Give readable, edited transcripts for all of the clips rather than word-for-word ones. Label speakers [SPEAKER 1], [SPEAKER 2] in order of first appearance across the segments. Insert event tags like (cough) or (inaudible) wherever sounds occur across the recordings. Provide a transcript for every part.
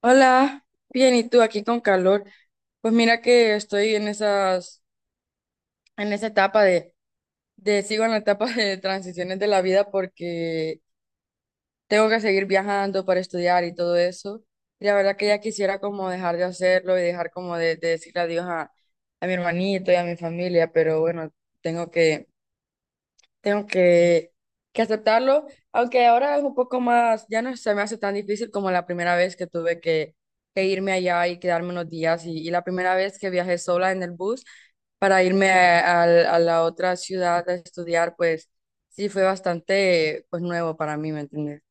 [SPEAKER 1] Hola, bien, ¿y tú aquí con calor? Pues mira que estoy en esas, en esa etapa sigo en la etapa (laughs) de transiciones de la vida porque tengo que seguir viajando para estudiar y todo eso. Y la verdad que ya quisiera como dejar de hacerlo y dejar como de decir adiós a mi hermanito y a mi familia, pero bueno, tengo que Tengo que, que aceptarlo, aunque ahora es un poco más, ya no se me hace tan difícil como la primera vez que tuve que irme allá y quedarme unos días y la primera vez que viajé sola en el bus para irme a, a la otra ciudad a estudiar, pues sí fue bastante pues nuevo para mí, ¿me entiendes?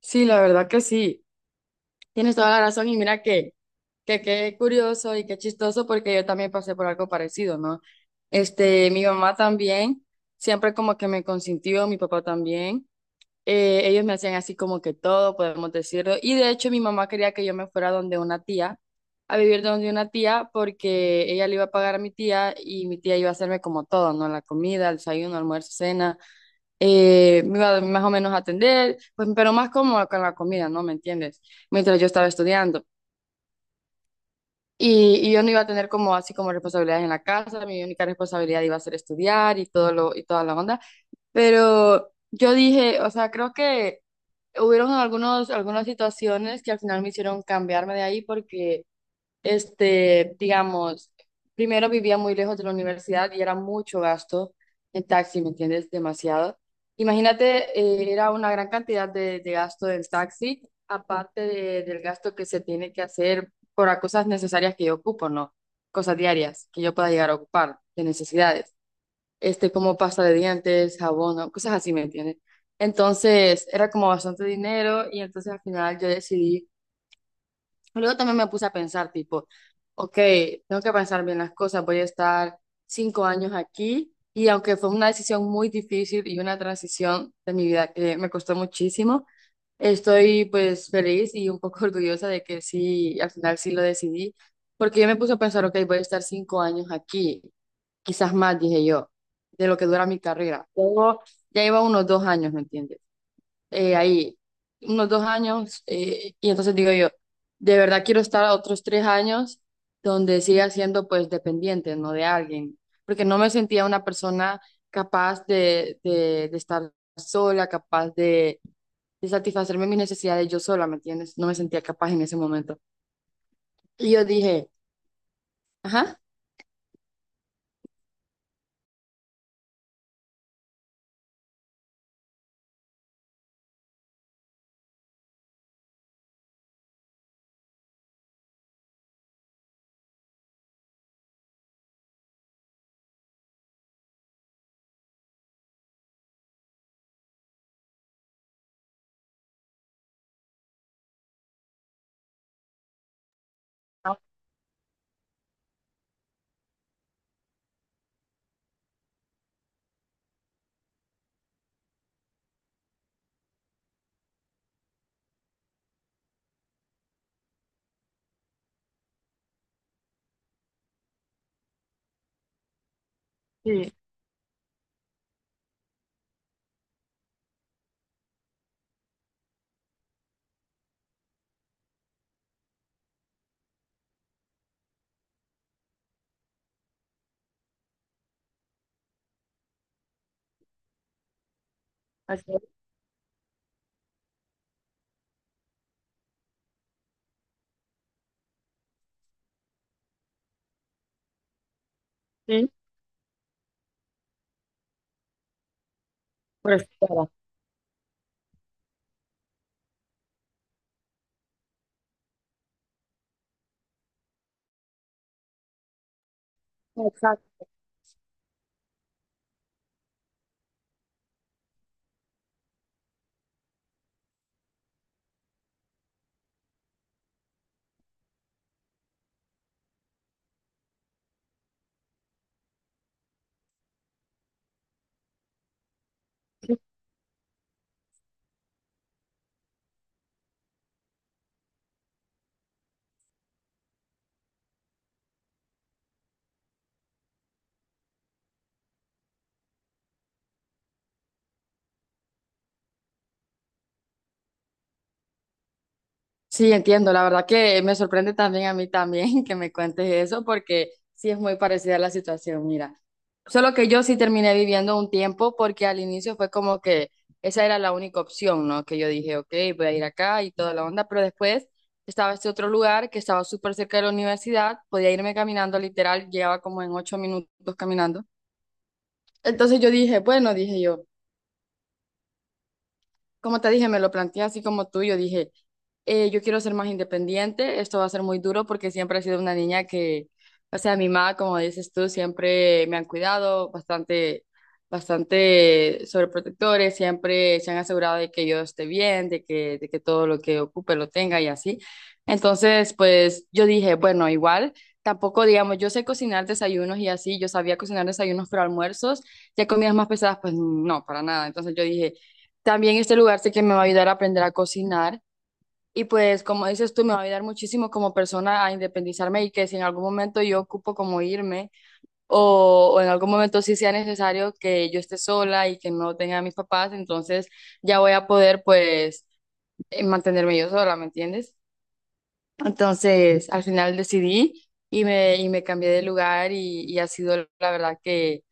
[SPEAKER 1] Sí, la verdad que sí. Tienes toda la razón y mira que qué curioso y qué chistoso porque yo también pasé por algo parecido, ¿no? Este, mi mamá también, siempre como que me consintió, mi papá también. Ellos me hacían así como que todo, podemos decirlo. Y de hecho mi mamá quería que yo me fuera donde una tía, a vivir donde una tía porque ella le iba a pagar a mi tía y mi tía iba a hacerme como todo, ¿no? La comida, el desayuno, almuerzo, cena me iba más o menos a atender, pues, pero más como con la comida, ¿no? ¿Me entiendes? Mientras yo estaba estudiando. Y yo no iba a tener como así como responsabilidades en la casa, mi única responsabilidad iba a ser estudiar y todo y toda la onda. Pero yo dije, o sea, creo que hubieron algunas situaciones que al final me hicieron cambiarme de ahí porque este, digamos, primero vivía muy lejos de la universidad y era mucho gasto en taxi, ¿me entiendes? Demasiado. Imagínate, era una gran cantidad de gasto del taxi, aparte del gasto que se tiene que hacer por las cosas necesarias que yo ocupo, ¿no? Cosas diarias que yo pueda llegar a ocupar, de necesidades. Este, como pasta de dientes, jabón, ¿no? Cosas así, ¿me entiendes? Entonces, era como bastante dinero y entonces al final yo decidí. Luego también me puse a pensar, tipo, ok, tengo que pensar bien las cosas, voy a estar cinco años aquí y aunque fue una decisión muy difícil y una transición de mi vida que me costó muchísimo, estoy pues feliz y un poco (laughs) orgullosa de que sí, al final sí lo decidí, porque yo me puse a pensar, ok, voy a estar cinco años aquí, quizás más, dije yo, de lo que dura mi carrera. Luego ya iba unos dos años, ¿me entiendes? Ahí unos dos años y entonces digo yo, de verdad quiero estar a otros tres años donde siga siendo pues dependiente, no de alguien, porque no me sentía una persona capaz de estar sola, capaz de satisfacerme mis necesidades yo sola, ¿me entiendes? No me sentía capaz en ese momento. Y yo dije, ajá. Ah, sí, así es, sí, pues, claro. Exacto. Sí, entiendo. La verdad que me sorprende también a mí también (laughs) que me cuentes eso, porque sí es muy parecida la situación, mira. Solo que yo sí terminé viviendo un tiempo porque al inicio fue como que esa era la única opción, ¿no? Que yo dije, ok, voy a ir acá y toda la onda, pero después estaba este otro lugar que estaba súper cerca de la universidad, podía irme caminando literal, llegaba como en ocho minutos caminando. Entonces yo dije, bueno, dije yo. Como te dije, me lo planteé así como tú, yo dije, yo quiero ser más independiente, esto va a ser muy duro porque siempre he sido una niña que, o sea, mi mamá, como dices tú, siempre me han cuidado bastante, bastante sobreprotectores, siempre se han asegurado de que yo esté bien, de que todo lo que ocupe lo tenga y así. Entonces, pues yo dije, bueno, igual, tampoco digamos, yo sé cocinar desayunos y así, yo sabía cocinar desayunos, pero almuerzos, ya comidas más pesadas, pues no, para nada. Entonces yo dije también este lugar sé que me va a ayudar a aprender a cocinar y pues como dices tú, me va a ayudar muchísimo como persona a independizarme y que si en algún momento yo ocupo como irme o en algún momento sí sea necesario que yo esté sola y que no tenga a mis papás, entonces ya voy a poder pues mantenerme yo sola, ¿me entiendes? Entonces al final decidí y me cambié de lugar y ha sido la verdad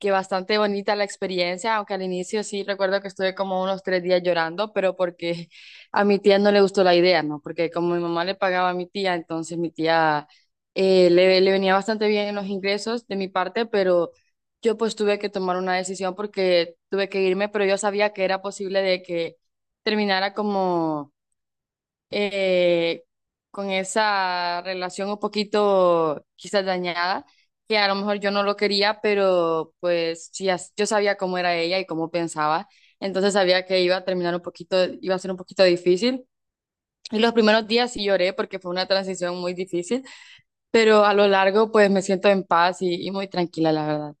[SPEAKER 1] que bastante bonita la experiencia, aunque al inicio sí recuerdo que estuve como unos tres días llorando, pero porque (laughs) a mi tía no le gustó la idea, ¿no? Porque como mi mamá le pagaba a mi tía, entonces mi tía le venía bastante bien en los ingresos de mi parte, pero yo pues tuve que tomar una decisión porque tuve que irme, pero yo sabía que era posible de que terminara como eh, con esa relación un poquito quizás dañada, que a lo mejor yo no lo quería, pero pues sí, yo sabía cómo era ella y cómo pensaba, entonces sabía que iba a terminar un poquito, iba a ser un poquito difícil. Y los primeros días sí lloré porque fue una transición muy difícil, pero a lo largo pues me siento en paz y muy tranquila, la verdad.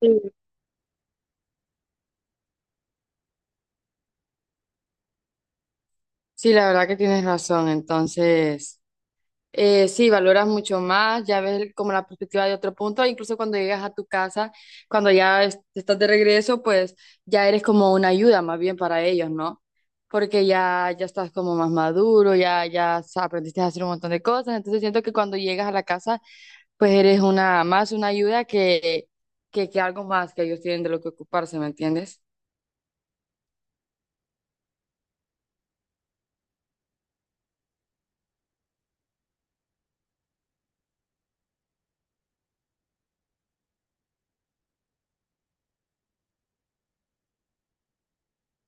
[SPEAKER 1] Sí, sí, la verdad que tienes razón, entonces... sí, valoras mucho más, ya ves como la perspectiva de otro punto, incluso cuando llegas a tu casa, cuando ya estás de regreso, pues ya eres como una ayuda más bien para ellos, ¿no? Porque ya, ya estás como más maduro, ya, aprendiste a hacer un montón de cosas, entonces siento que cuando llegas a la casa, pues eres una más una ayuda que algo más que ellos tienen de lo que ocuparse, ¿me entiendes?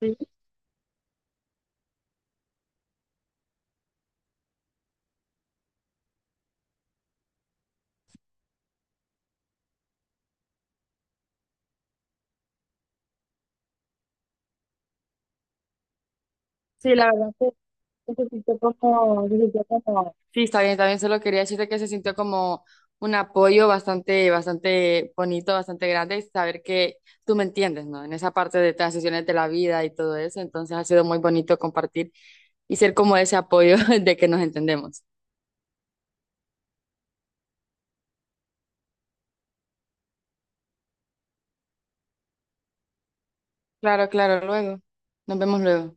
[SPEAKER 1] Sí, sí, la verdad. Sí, está bien, también solo quería decirte que se sintió como un apoyo bastante, bastante bonito, bastante grande, y saber que tú me entiendes, ¿no? En esa parte de transiciones de la vida y todo eso, entonces ha sido muy bonito compartir y ser como ese apoyo (laughs) de que nos entendemos. Claro, claro, luego. Nos vemos luego.